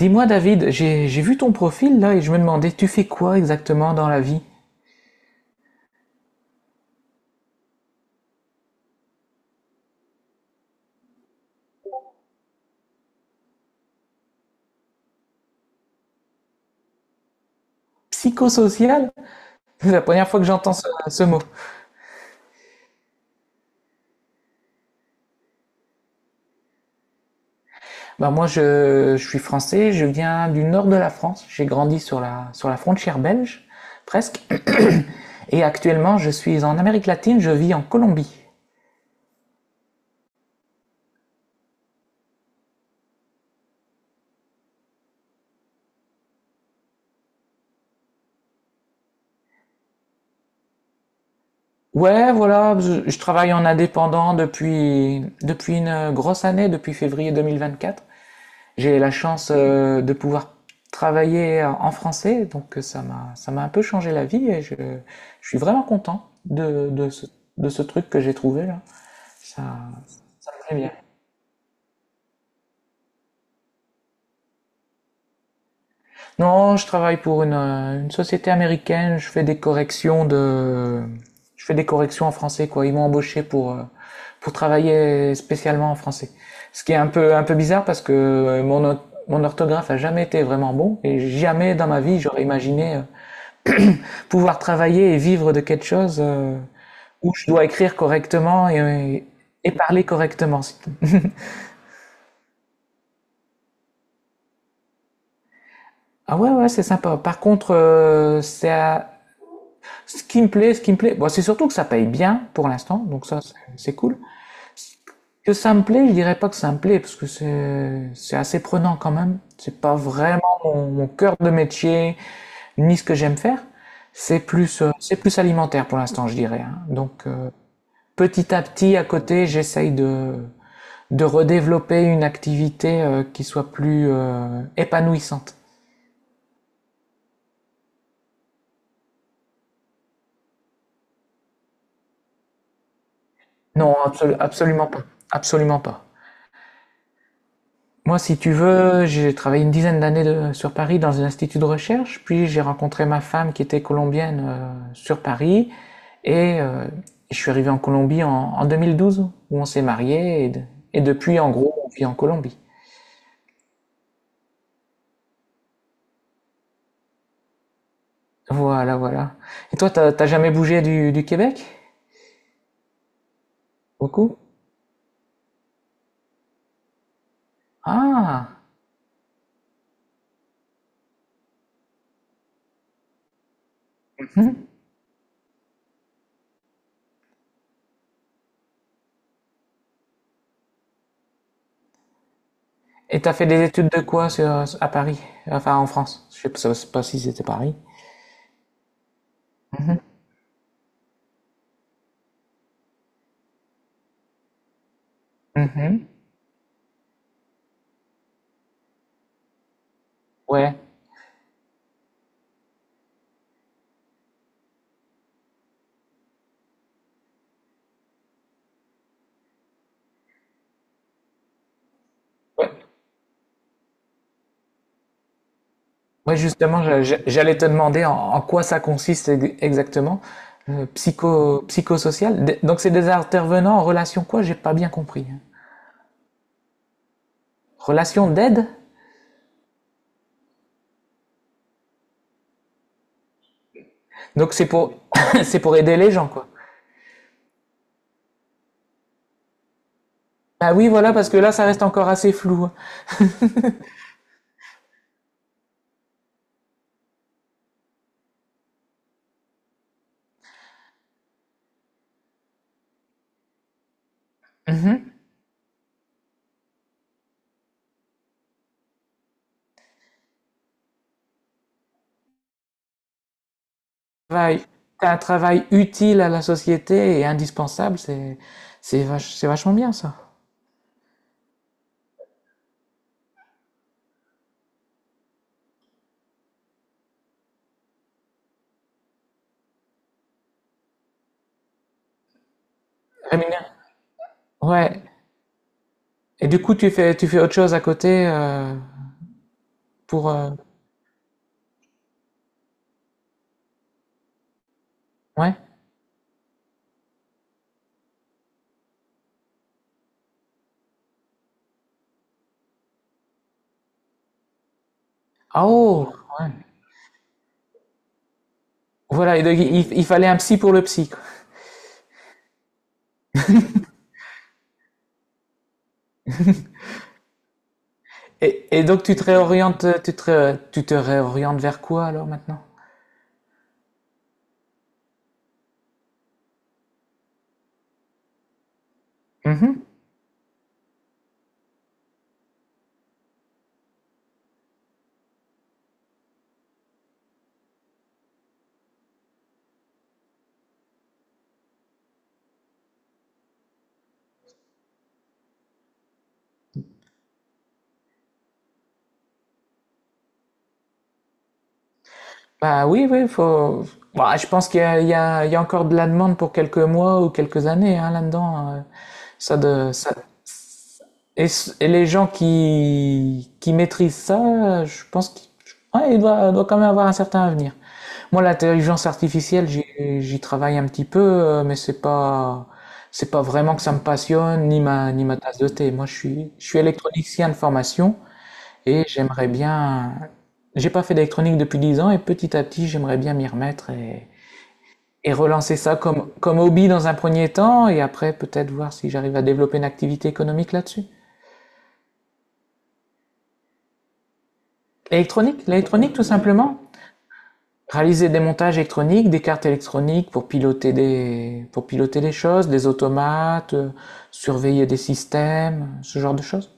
Dis-moi David, j'ai vu ton profil là et je me demandais, tu fais quoi exactement dans la vie? Psychosocial? C'est la première fois que j'entends ce mot. Bah moi je suis français, je viens du nord de la France, j'ai grandi sur la frontière belge, presque, et actuellement je suis en Amérique latine, je vis en Colombie. Ouais, voilà, je travaille en indépendant depuis une grosse année, depuis février 2024. J'ai la chance de pouvoir travailler en français, donc ça m'a un peu changé la vie et je suis vraiment content de ce truc que j'ai trouvé là. Ça, ça me plaît bien. Non, je travaille pour une société américaine, je fais des corrections de je fais des corrections en français quoi. Ils m'ont embauché pour travailler spécialement en français. Ce qui est un peu bizarre parce que mon orthographe a jamais été vraiment bon et jamais dans ma vie j'aurais imaginé pouvoir travailler et vivre de quelque chose où je dois écrire correctement et parler correctement. Ah ouais, ouais, c'est sympa. Par contre, ce qui me plaît, ce qui me plaît. Bon, c'est surtout que ça paye bien pour l'instant, donc ça, cool. Que ça me plaît, je dirais pas que ça me plaît parce que c'est assez prenant quand même. C'est pas vraiment mon, mon cœur de métier ni ce que j'aime faire. C'est plus alimentaire pour l'instant, je dirais. Hein. Donc petit à petit, à côté, j'essaye de redévelopper une activité qui soit plus épanouissante. Non, absolument pas. Absolument pas. Moi, si tu veux, j'ai travaillé une dizaine d'années sur Paris dans un institut de recherche, puis j'ai rencontré ma femme qui était colombienne sur Paris, et je suis arrivé en Colombie en 2012, où on s'est mariés, et et depuis, en gros, on vit en Colombie. Voilà, voilà. Et toi, t'as jamais bougé du Québec? Beaucoup? Ah! Hmm. Et t'as fait des études de quoi sur, à Paris? Enfin, en France. Je sais pas si c'était Paris. Mhm. Mhm. Ouais. Ouais. Ouais, justement, j'allais te demander en quoi ça consiste exactement, psychosocial. D- Donc, c'est des intervenants en relation quoi? J'ai pas bien compris. Relation d'aide? Donc, c'est pour, c'est pour aider les gens, quoi. Bah oui, voilà, parce que là, ça reste encore assez flou. Mhm. Travail- T'as un travail utile à la société et indispensable, c'est, c'est c'est vachement bien, ça. Rémunération. Ouais. Et du coup, tu fais autre chose à côté pour. Ouais. Ah oh! Ouais. Voilà, et donc il fallait un psy pour le psy. Quoi. Et donc tu te réorientes, tu te réorientes vers quoi alors maintenant? Mhm. Bah oui, oui, faut. Bah, je pense qu' il y a encore de la demande pour quelques mois ou quelques années hein, là-dedans. Ça de, ça... Et, et les gens qui maîtrisent ça, je pense qu'ils ouais, doit quand même avoir un certain avenir. Moi, l'intelligence artificielle, j'y travaille un petit peu, mais c'est pas vraiment que ça me passionne, ni ma tasse de thé. Moi, je suis électronicien de formation et j'aimerais bien, j'ai pas fait d'électronique depuis 10 ans et petit à petit, j'aimerais bien m'y remettre et relancer ça comme, comme hobby dans un premier temps et après peut-être voir si j'arrive à développer une activité économique là-dessus. L'électronique, l'électronique tout simplement. Réaliser des montages électroniques, des cartes électroniques pour piloter des choses, des automates, surveiller des systèmes, ce genre de choses.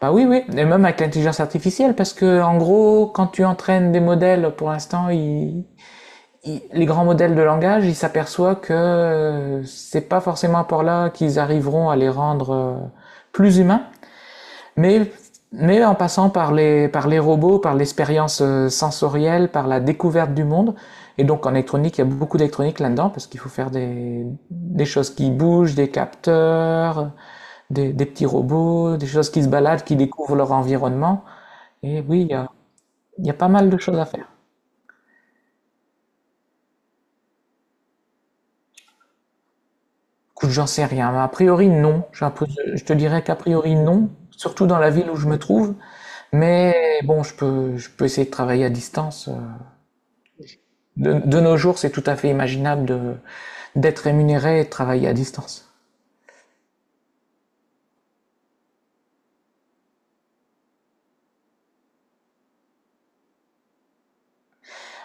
Bah oui, oui, et même avec l'intelligence artificielle, parce que en gros, quand tu entraînes des modèles, pour l'instant, les grands modèles de langage, ils s'aperçoivent que c'est pas forcément par là qu'ils arriveront à les rendre plus humains, Mais, mais en passant par les robots, par l'expérience sensorielle, par la découverte du monde, et donc en électronique, il y a beaucoup d'électronique là-dedans, parce qu'il faut faire des choses qui bougent, des capteurs, des petits robots, des choses qui se baladent, qui découvrent leur environnement. Et oui, il y a pas mal de choses à faire. Écoute, j'en sais rien. A priori, non. Je te dirais qu'a priori, non. Surtout dans la ville où je me trouve. Mais bon, je peux essayer de travailler à distance. De nos jours, c'est tout à fait imaginable de, d'être rémunéré et de travailler à distance.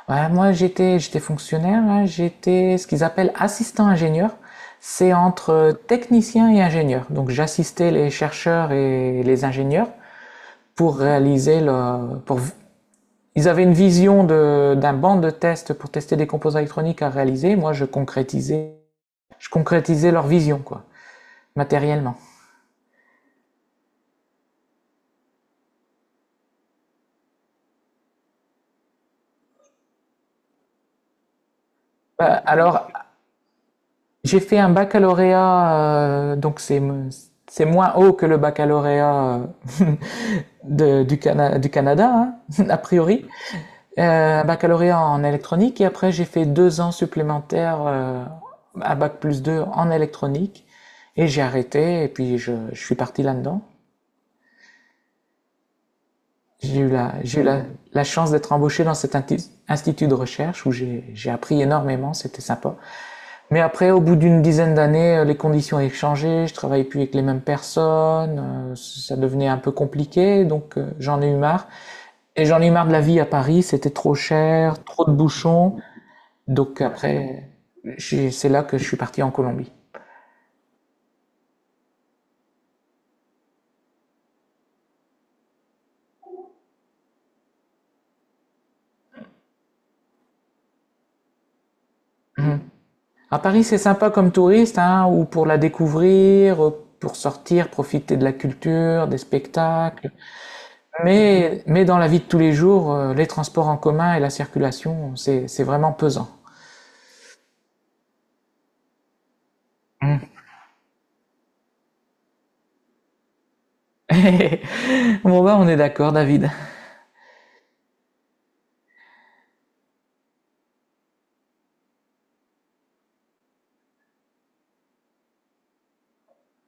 Ouais, moi, j'étais fonctionnaire, hein, j'étais ce qu'ils appellent assistant ingénieur. C'est entre technicien et ingénieur. Donc, j'assistais les chercheurs et les ingénieurs pour réaliser le, pour, ils avaient une vision de, d'un banc de test pour tester des composants électroniques à réaliser. Moi, je concrétisais leur vision, quoi, matériellement. Alors, j'ai fait un baccalauréat, donc c'est moins haut que le baccalauréat du, du Canada, hein, a priori. Un baccalauréat en électronique et après j'ai fait deux ans supplémentaires à bac plus 2 en électronique et j'ai arrêté et puis je suis parti là-dedans. J'ai eu la, la chance d'être embauché dans cet institut de recherche où j'ai appris énormément, c'était sympa. Mais après, au bout d'une dizaine d'années, les conditions avaient changé, je travaillais plus avec les mêmes personnes, ça devenait un peu compliqué, donc j'en ai eu marre. Et j'en ai eu marre de la vie à Paris, c'était trop cher, trop de bouchons, donc après, c'est là que je suis parti en Colombie. Mhm. À Paris, c'est sympa comme touriste, hein, ou pour la découvrir, pour sortir, profiter de la culture, des spectacles. Mais dans la vie de tous les jours, les transports en commun et la circulation, c'est vraiment pesant. Mhm. Bon bah on est d'accord David.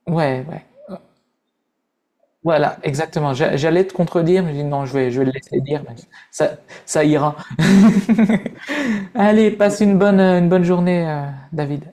Ouais, ouais. Voilà, exactement. J'allais te contredire, mais je dis non, je vais le laisser dire. Mais Ça, ça ira. Allez, passe une bonne journée, David.